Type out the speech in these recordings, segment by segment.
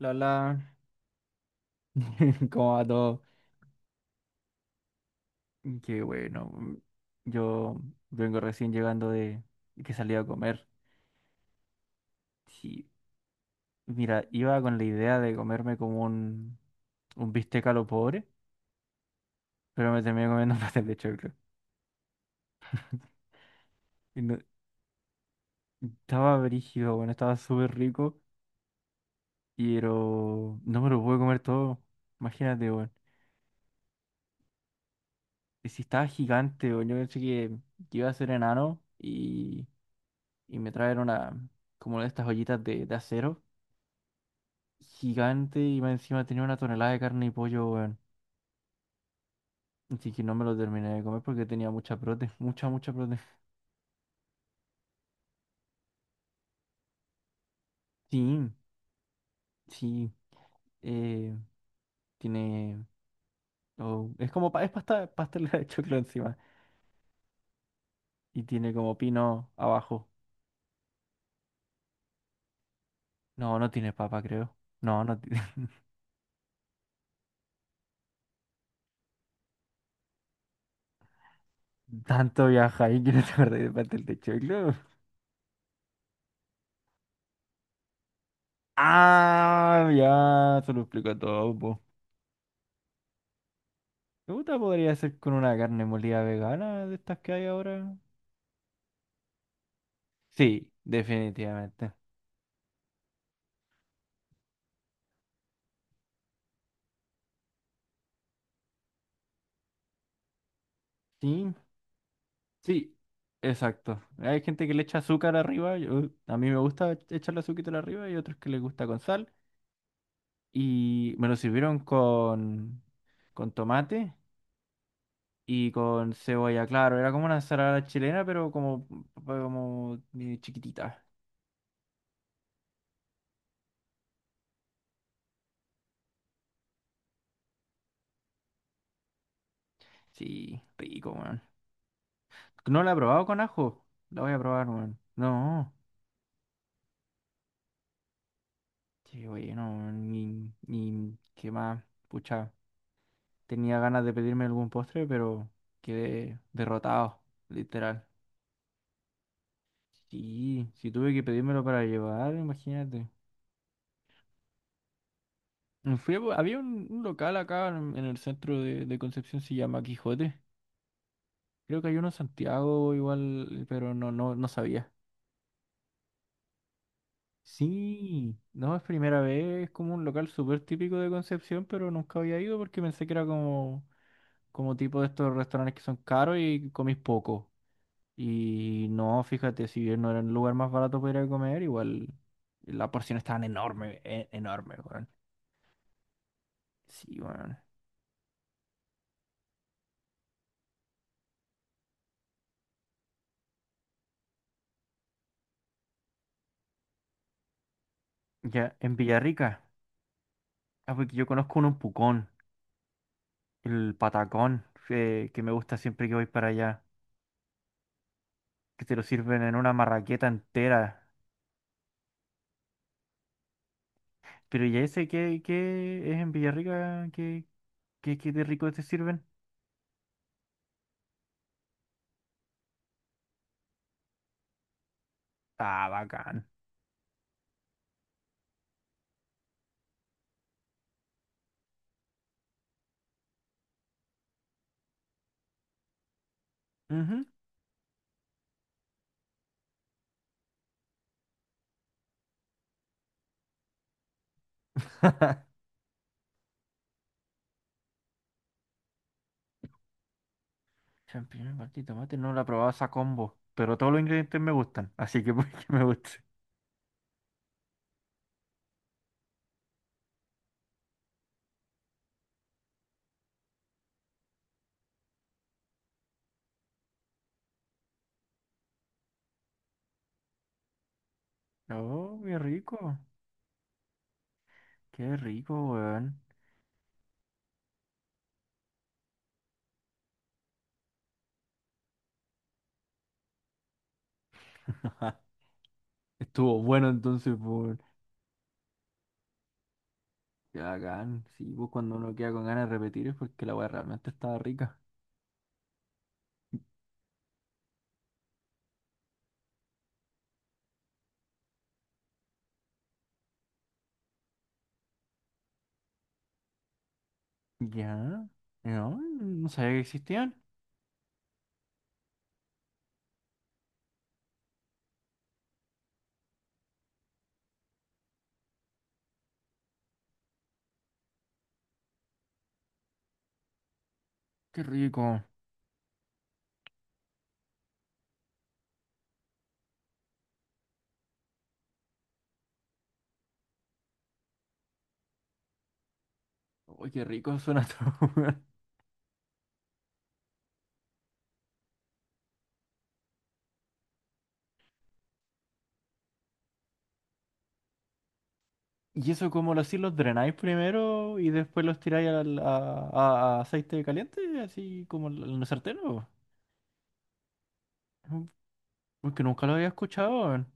Lola, ¿cómo va todo? Qué bueno, yo vengo recién llegando de que salí a comer. Sí, mira, iba con la idea de comerme como un bistec a lo pobre, pero me terminé comiendo un pastel de choclo. Y no- Estaba brígido, bueno, estaba súper rico, pero no me lo pude comer todo. Imagínate, bueno. Y si estaba gigante, bueno, yo pensé que iba a ser enano y me traer una, como una de estas ollitas de acero. Gigante, y más encima tenía una tonelada de carne y pollo, weón. Así que no me lo terminé de comer porque tenía mucha prote, mucha, mucha prote. Sí, sí, eh, tiene... Oh, es como, es pasta, pastelera de choclo encima y tiene como pino abajo. No, no tiene papa, creo. No, no tiene... Tanto viaja ahí que no te acordás de pastel de choclo. Ah, ya, se lo explico todo, po. Me podría ser con una carne molida vegana de estas que hay ahora. Sí, definitivamente. Sí, sí, exacto. Hay gente que le echa azúcar arriba, a mí me gusta echarle azúcar arriba, y otros que les gusta con sal. Y me lo sirvieron con tomate y con cebolla, claro. Era como una ensalada chilena, pero como, como chiquitita. Sí, rico, weón. No la he probado con ajo, la voy a probar, weón. No, sí, oye, no, ni, ni, qué más, pucha. Tenía ganas de pedirme algún postre, pero quedé derrotado, literal. Sí, sí tuve que pedírmelo para llevar, imagínate. Había un local acá en el centro de Concepción, se llama Quijote. Creo que hay uno en Santiago igual, pero no sabía. Sí, no es primera vez, es como un local súper típico de Concepción, pero nunca había ido porque pensé que era como, como tipo de estos restaurantes que son caros y comís poco. Y no, fíjate, si bien no era el lugar más barato para ir a comer, igual la porción estaba enorme, weón. Sí, weón. Ya, en Villarrica, ah, porque yo conozco un Pucón, el patacón, que me gusta siempre que voy para allá, que te lo sirven en una marraqueta entera. Pero ya ese, ¿qué, qué es en Villarrica? Qué de rico te sirven? Ah, bacán. Ujú. Champiñones, palta y tomate, no la probaba esa combo, pero todos los ingredientes me gustan, así que pues que me gusta. Oh, qué rico. Qué rico, weón. Estuvo bueno entonces, por... Qué bacán. Sí, pues cuando uno queda con ganas de repetir es porque la weá realmente estaba rica. Ya. No, no sabía que existían. Qué rico. Uy, qué rico suena todo, weón. ¿Y eso cómo lo hacéis? ¿Los drenáis primero y después los tiráis a aceite caliente? Así como en el sartén, ¿o? Mm, porque nunca lo había escuchado, weón.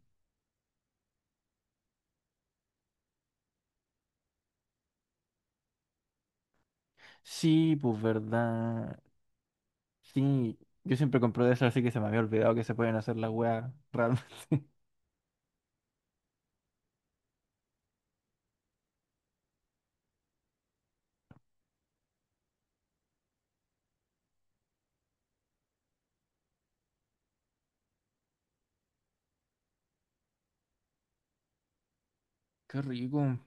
Sí, pues verdad. Sí, yo siempre compro de eso, así que se me había olvidado que se pueden hacer las weas realmente. Qué rico.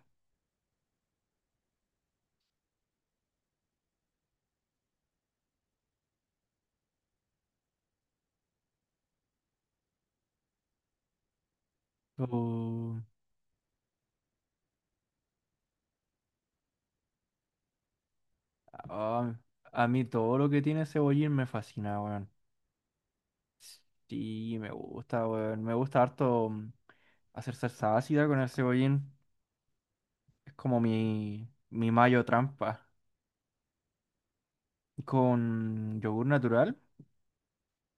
Oh, ah, a mí todo lo que tiene cebollín me fascina, weón. Sí, me gusta, weón. Me gusta harto hacer salsa ácida con el cebollín. Es como mi mayo trampa. Con yogur natural,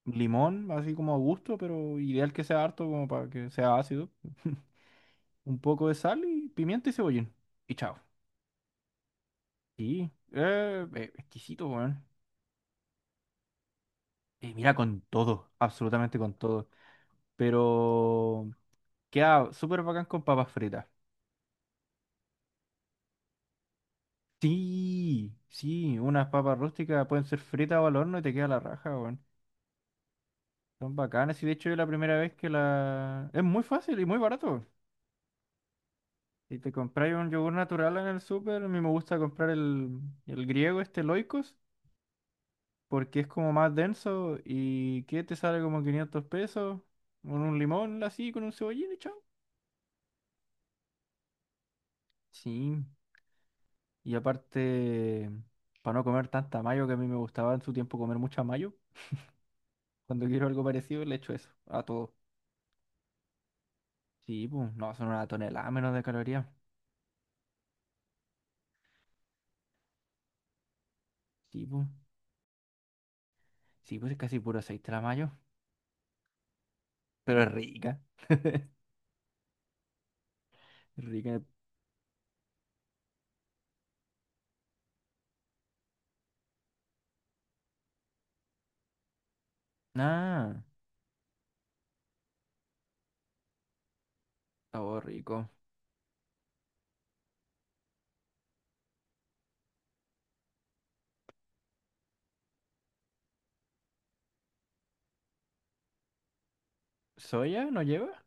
limón, así como a gusto, pero ideal que sea harto como para que sea ácido. Un poco de sal y pimienta y cebollín. Y chao. Sí, exquisito, weón. Mira, con todo, absolutamente con todo. Pero queda súper bacán con papas fritas. Sí, sí, unas papas rústicas pueden ser fritas o al horno y te queda la raja, weón. Son bacanas, y de hecho es la primera vez que la... Es muy fácil y muy barato. Si te compras un yogur natural en el súper, a mí me gusta comprar el griego, este Loikos, porque es como más denso y que te sale como 500 pesos, con un limón así, con un cebollín y chao. Sí, y aparte, para no comer tanta mayo, que a mí me gustaba en su tiempo comer mucha mayo, cuando quiero algo parecido le echo eso a todo. Sí, pues, no, son una tonelada menos de calorías. Sí, pues, sí, pues es casi puro aceite la mayo, pero es rica, es rica. Ah, sabor rico. ¿Soya no lleva?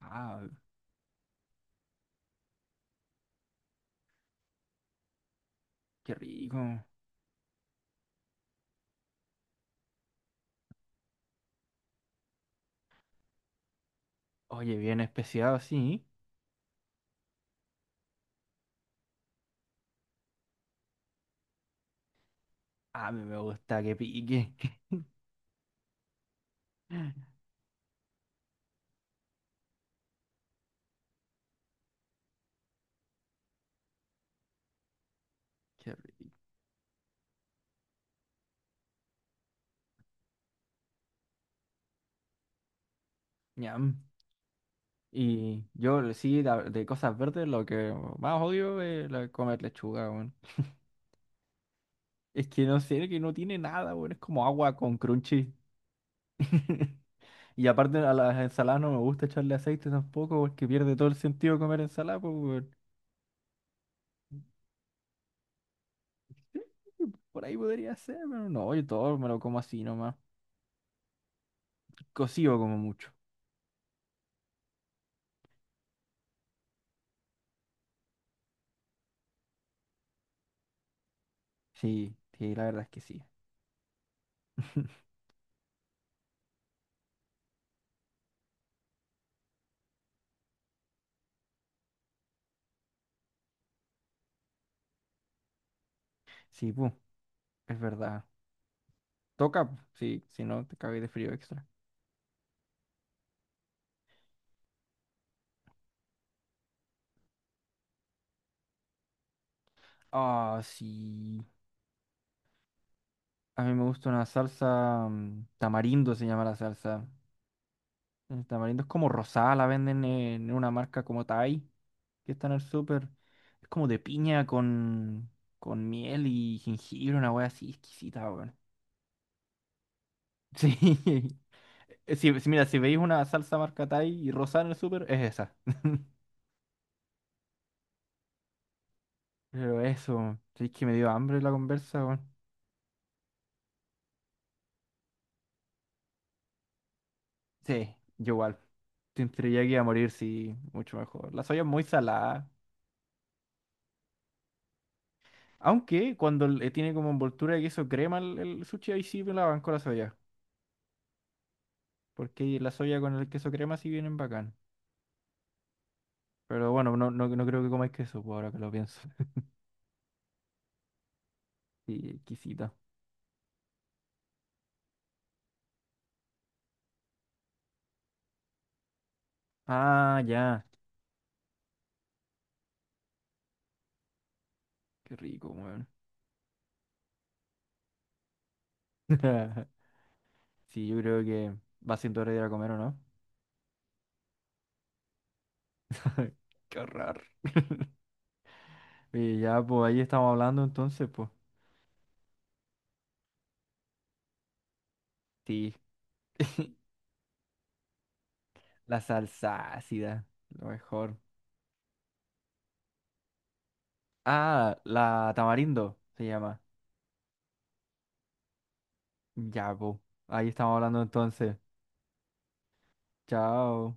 Ah, qué rico. Oye, bien especiado, sí. A mí me gusta que pique. Qué rico. Ñam. Y yo sí, de cosas verdes, lo que más odio es comer lechuga, weón. Es que no sé, que no tiene nada, weón. Es como agua con crunchy. Y aparte a las ensaladas no me gusta echarle aceite tampoco, porque pierde todo el sentido comer ensalada, pues, weón. Por ahí podría ser, pero no, yo todo me lo como así nomás. Cocido como mucho. Sí, sí, la verdad es que sí. Sí, pu, es verdad. Toca, pu, sí, si no te cagué de frío extra. Ah, sí. A mí me gusta una salsa tamarindo, se llama la salsa. El tamarindo es como rosada, la venden en una marca como Thai, que está en el súper. Es como de piña con miel y jengibre, una wea así exquisita, weón. Sí. Mira, si veis una salsa marca Thai y rosada en el súper, es esa. Pero eso, sí es que me dio hambre la conversa, weón. Sí, yo igual. Siempre ya que iba a morir, sí, mucho mejor. La soya es muy salada. Aunque cuando le tiene como envoltura de queso crema el sushi, ahí sí me la banco la soya. Porque la soya con el queso crema sí vienen bacán. Pero bueno, no, no, no creo que comáis queso, pues, ahora que lo pienso. Sí, exquisito. Ah, ya. Qué rico, weón. Sí, yo creo que va siendo hora de ir a comer, ¿o no? Qué horror. Y ya, pues ahí estamos hablando entonces, pues. Sí. La salsa ácida, lo mejor. Ah, la tamarindo se llama. Ya, pues. Ahí estamos hablando entonces. Chao.